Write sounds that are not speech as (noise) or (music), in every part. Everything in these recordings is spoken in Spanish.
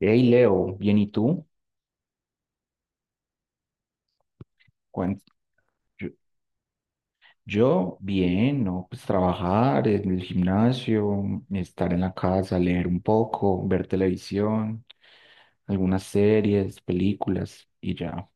Hey Leo, bien, ¿y tú? Cuen- Yo, yo, bien, ¿no? Pues trabajar en el gimnasio, estar en la casa, leer un poco, ver televisión, algunas series, películas y ya.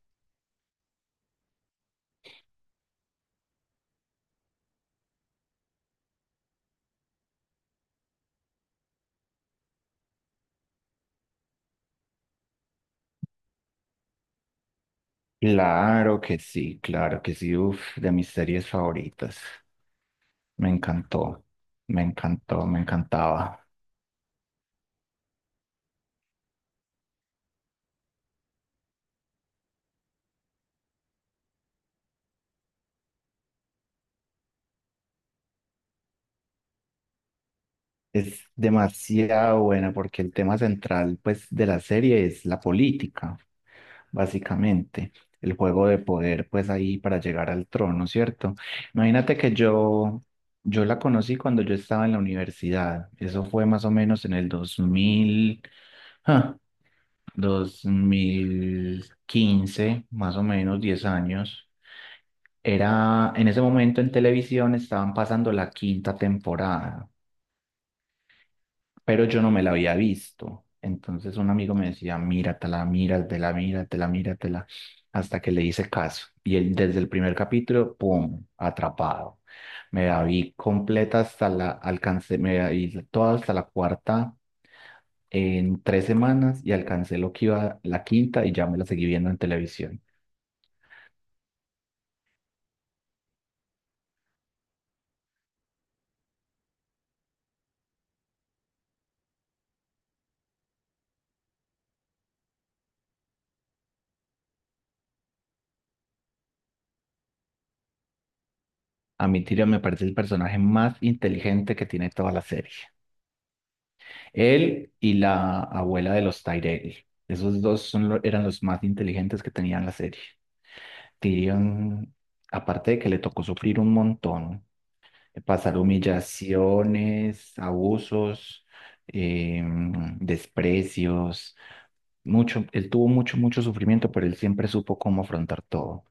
Claro que sí, uf, de mis series favoritas. Me encantó, me encantó, me encantaba. Es demasiado buena porque el tema central, pues, de la serie es la política, básicamente. El juego de poder, pues ahí para llegar al trono, ¿cierto? Imagínate que yo la conocí cuando yo estaba en la universidad. Eso fue más o menos en el 2000, ah, 2015, más o menos 10 años. Era, en ese momento en televisión estaban pasando la quinta temporada, pero yo no me la había visto. Entonces un amigo me decía, míratela, míratela, míratela, míratela, hasta que le hice caso. Y él, desde el primer capítulo, ¡pum!, atrapado. Me la vi completa hasta la, alcancé, me la vi toda hasta la cuarta en 3 semanas y alcancé lo que iba la quinta y ya me la seguí viendo en televisión. A mi Tyrion me parece el personaje más inteligente que tiene toda la serie. Él y la abuela de los Tyrell. Esos dos son eran los más inteligentes que tenían la serie. Tyrion, aparte de que le tocó sufrir un montón, pasar humillaciones, abusos, desprecios, mucho, él tuvo mucho, mucho sufrimiento, pero él siempre supo cómo afrontar todo.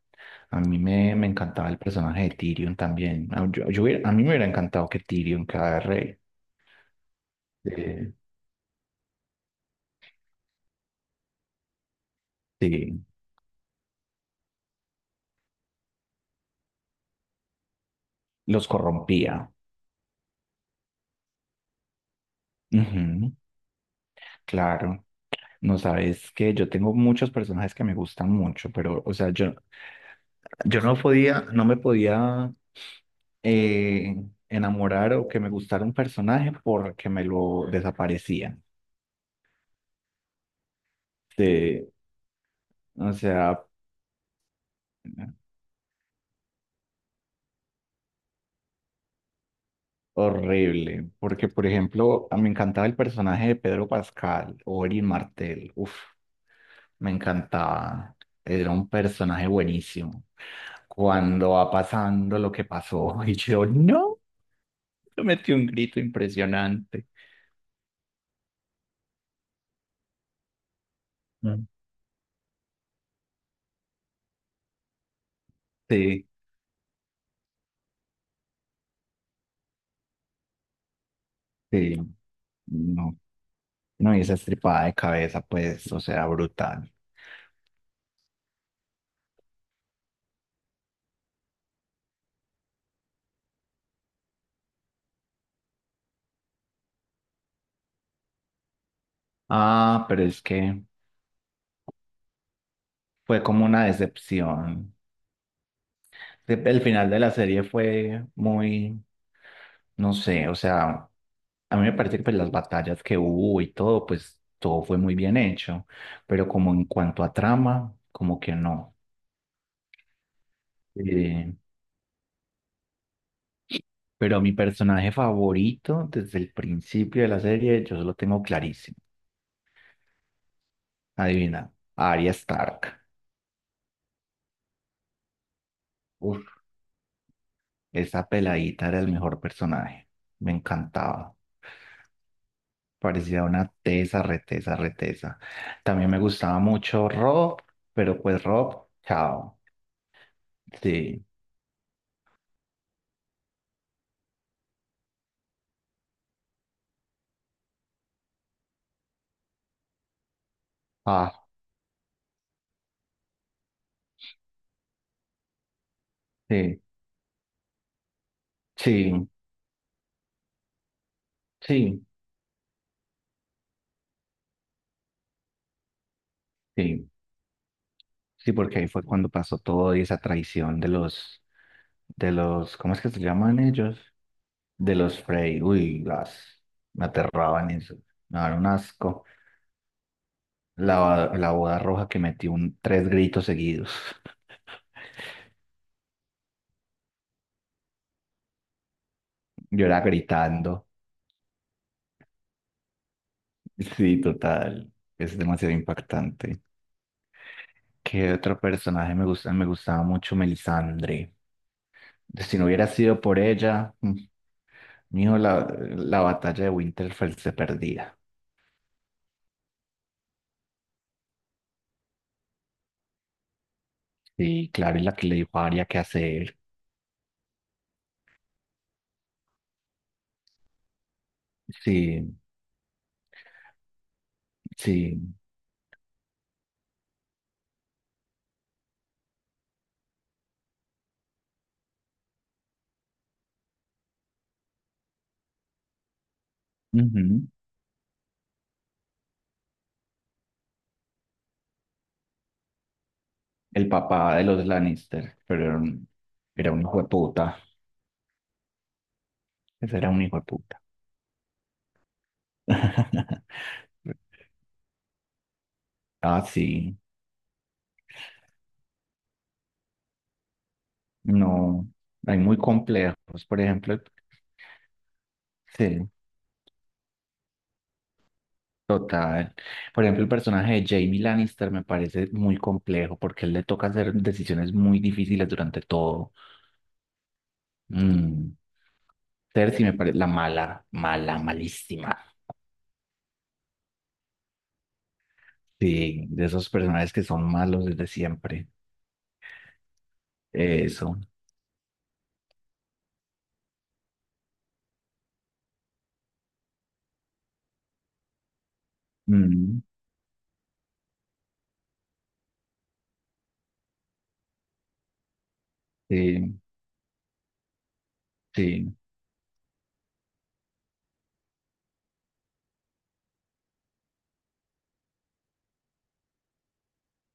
A mí me encantaba el personaje de Tyrion también. A mí me hubiera encantado que Tyrion, cada rey. Eh, sí, los corrompía. Ujú, claro. No sabes que yo tengo muchos personajes que me gustan mucho, pero, o sea, yo no podía, no me podía eh, enamorar o que me gustara un personaje porque me lo desaparecían. De, o sea, horrible. Porque, por ejemplo, me encantaba el personaje de Pedro Pascal o Erin Martel. Uf. Me encantaba. Era un personaje buenísimo. Cuando va pasando lo que pasó, (laughs) y yo, no, yo metí un grito impresionante. Mm. Sí, sí, no, no, y esa estripada de cabeza, pues, o sea, brutal. Ah, pero es que fue como una decepción. El final de la serie fue muy, no sé, o sea, a mí me parece que pues, las batallas que hubo y todo, pues todo fue muy bien hecho, pero como en cuanto a trama, como que no. Eh, pero mi personaje favorito desde el principio de la serie, yo lo tengo clarísimo. Adivina, Arya Stark. Uf, esa peladita era el mejor personaje. Me encantaba. Parecía una tesa, retesa, retesa. También me gustaba mucho Rob, pero pues Rob, chao. Sí. Sí, sí, sí, sí, sí, porque ahí fue cuando pasó todo y esa traición de los, ¿cómo es que se llaman ellos? De los Frey, uy, me aterraban eso, me daban un asco. La boda roja que metí tres gritos seguidos, (laughs) yo era gritando, sí, total, es demasiado impactante. ¿Qué otro personaje me gusta? Me gustaba mucho Melisandre. Si no hubiera sido por ella, mijo, la batalla de Winterfell se perdía. Sí, claro, es la que le dijo a Arya qué hacer. Sí, sí. Ujú. El papá de los Lannister, pero era un hijo de puta. Ese era un hijo de puta. (laughs) Ah, sí. No, hay muy complejos. Por ejemplo, sí. Total. Por ejemplo, el personaje de Jaime Lannister me parece muy complejo porque él le toca hacer decisiones muy difíciles durante todo. Mm. Cersei me parece la mala, mala, malísima. Sí, de esos personajes que son malos desde siempre. Eso. Mm. Sí, sí,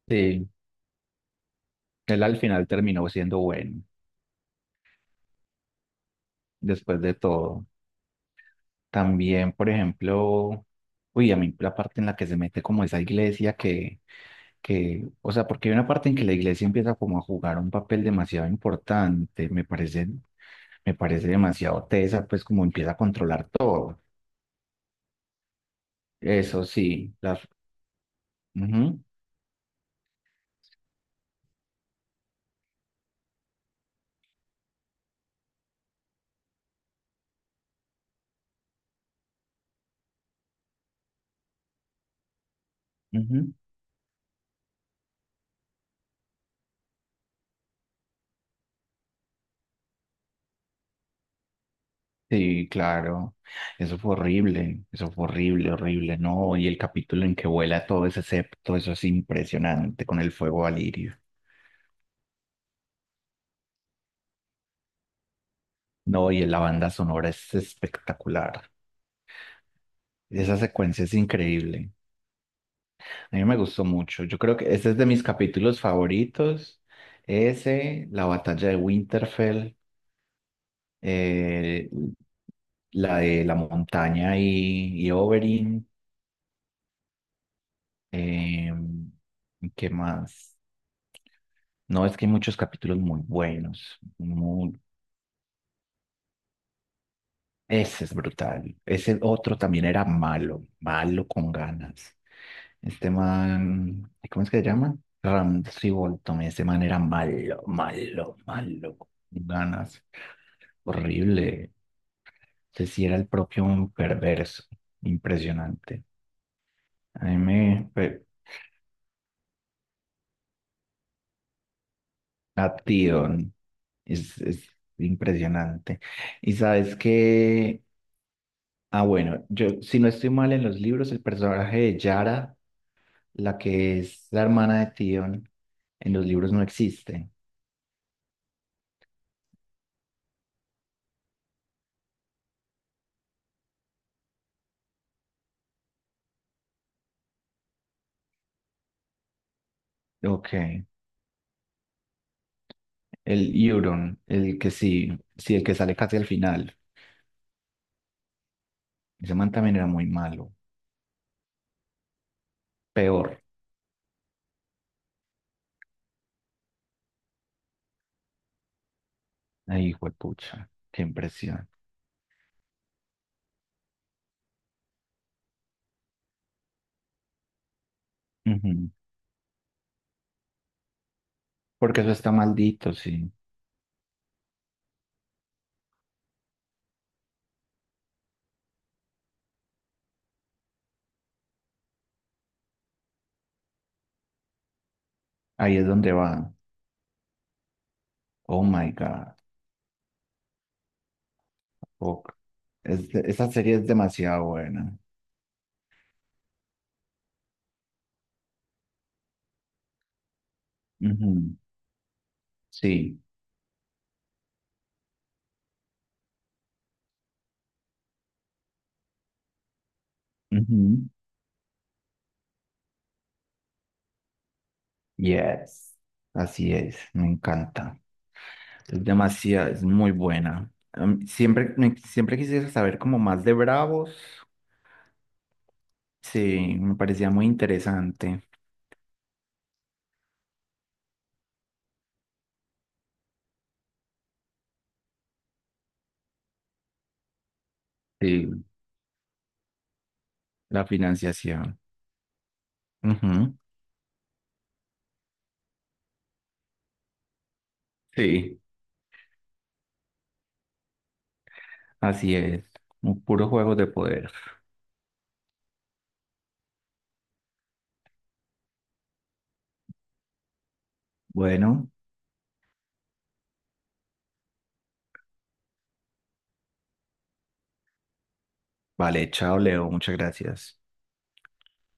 sí. Él al final terminó siendo bueno, después de todo. También, por ejemplo, uy, a mí la parte en la que se mete como esa iglesia que, o sea, porque hay una parte en que la iglesia empieza como a jugar un papel demasiado importante, me parece demasiado tesa, pues como empieza a controlar todo. Eso sí, ujú, ujú, sí, claro, eso fue horrible, horrible, ¿no? Y el capítulo en que vuela todo ese septo, eso es impresionante con el fuego valirio, ¿no? Y la banda sonora es espectacular, esa secuencia es increíble. A mí me gustó mucho. Yo creo que ese es de mis capítulos favoritos. Ese, la batalla de Winterfell, eh, la de la montaña y Oberyn. eh, ¿Qué más? No, es que hay muchos capítulos muy buenos. Ese es brutal. Ese otro también era malo, malo con ganas. Este man, ¿cómo es que se llama? Ramsay Bolton. Ese man era malo, malo, malo con ganas. Horrible. Ese sí era el propio un perverso. Impresionante. A mí me... pe- A ti, Don. Es impresionante. Y sabes que. Ah, bueno, yo, si no estoy mal en los libros, el personaje de Yara, la que es la hermana de Tion, en los libros no existe. Ok. El Euron, el que sí, sí, el que sale casi al final. Ese man también era muy malo. Peor. Ay, hijo de pucha. Qué impresión. Ujú. Porque eso está maldito, sí. Ahí es donde va. Oh my God. Fuck. Esa serie es demasiado buena. Ujú, sí. Ujú, yes. Así es. Me encanta. Es demasiado, es muy buena. Siempre quisiera saber como más de Bravos. Sí, me parecía muy interesante. Sí, la financiación. Ujú, sí, así es. Un puro juego de poder. Bueno, vale, chao, Leo. Muchas gracias.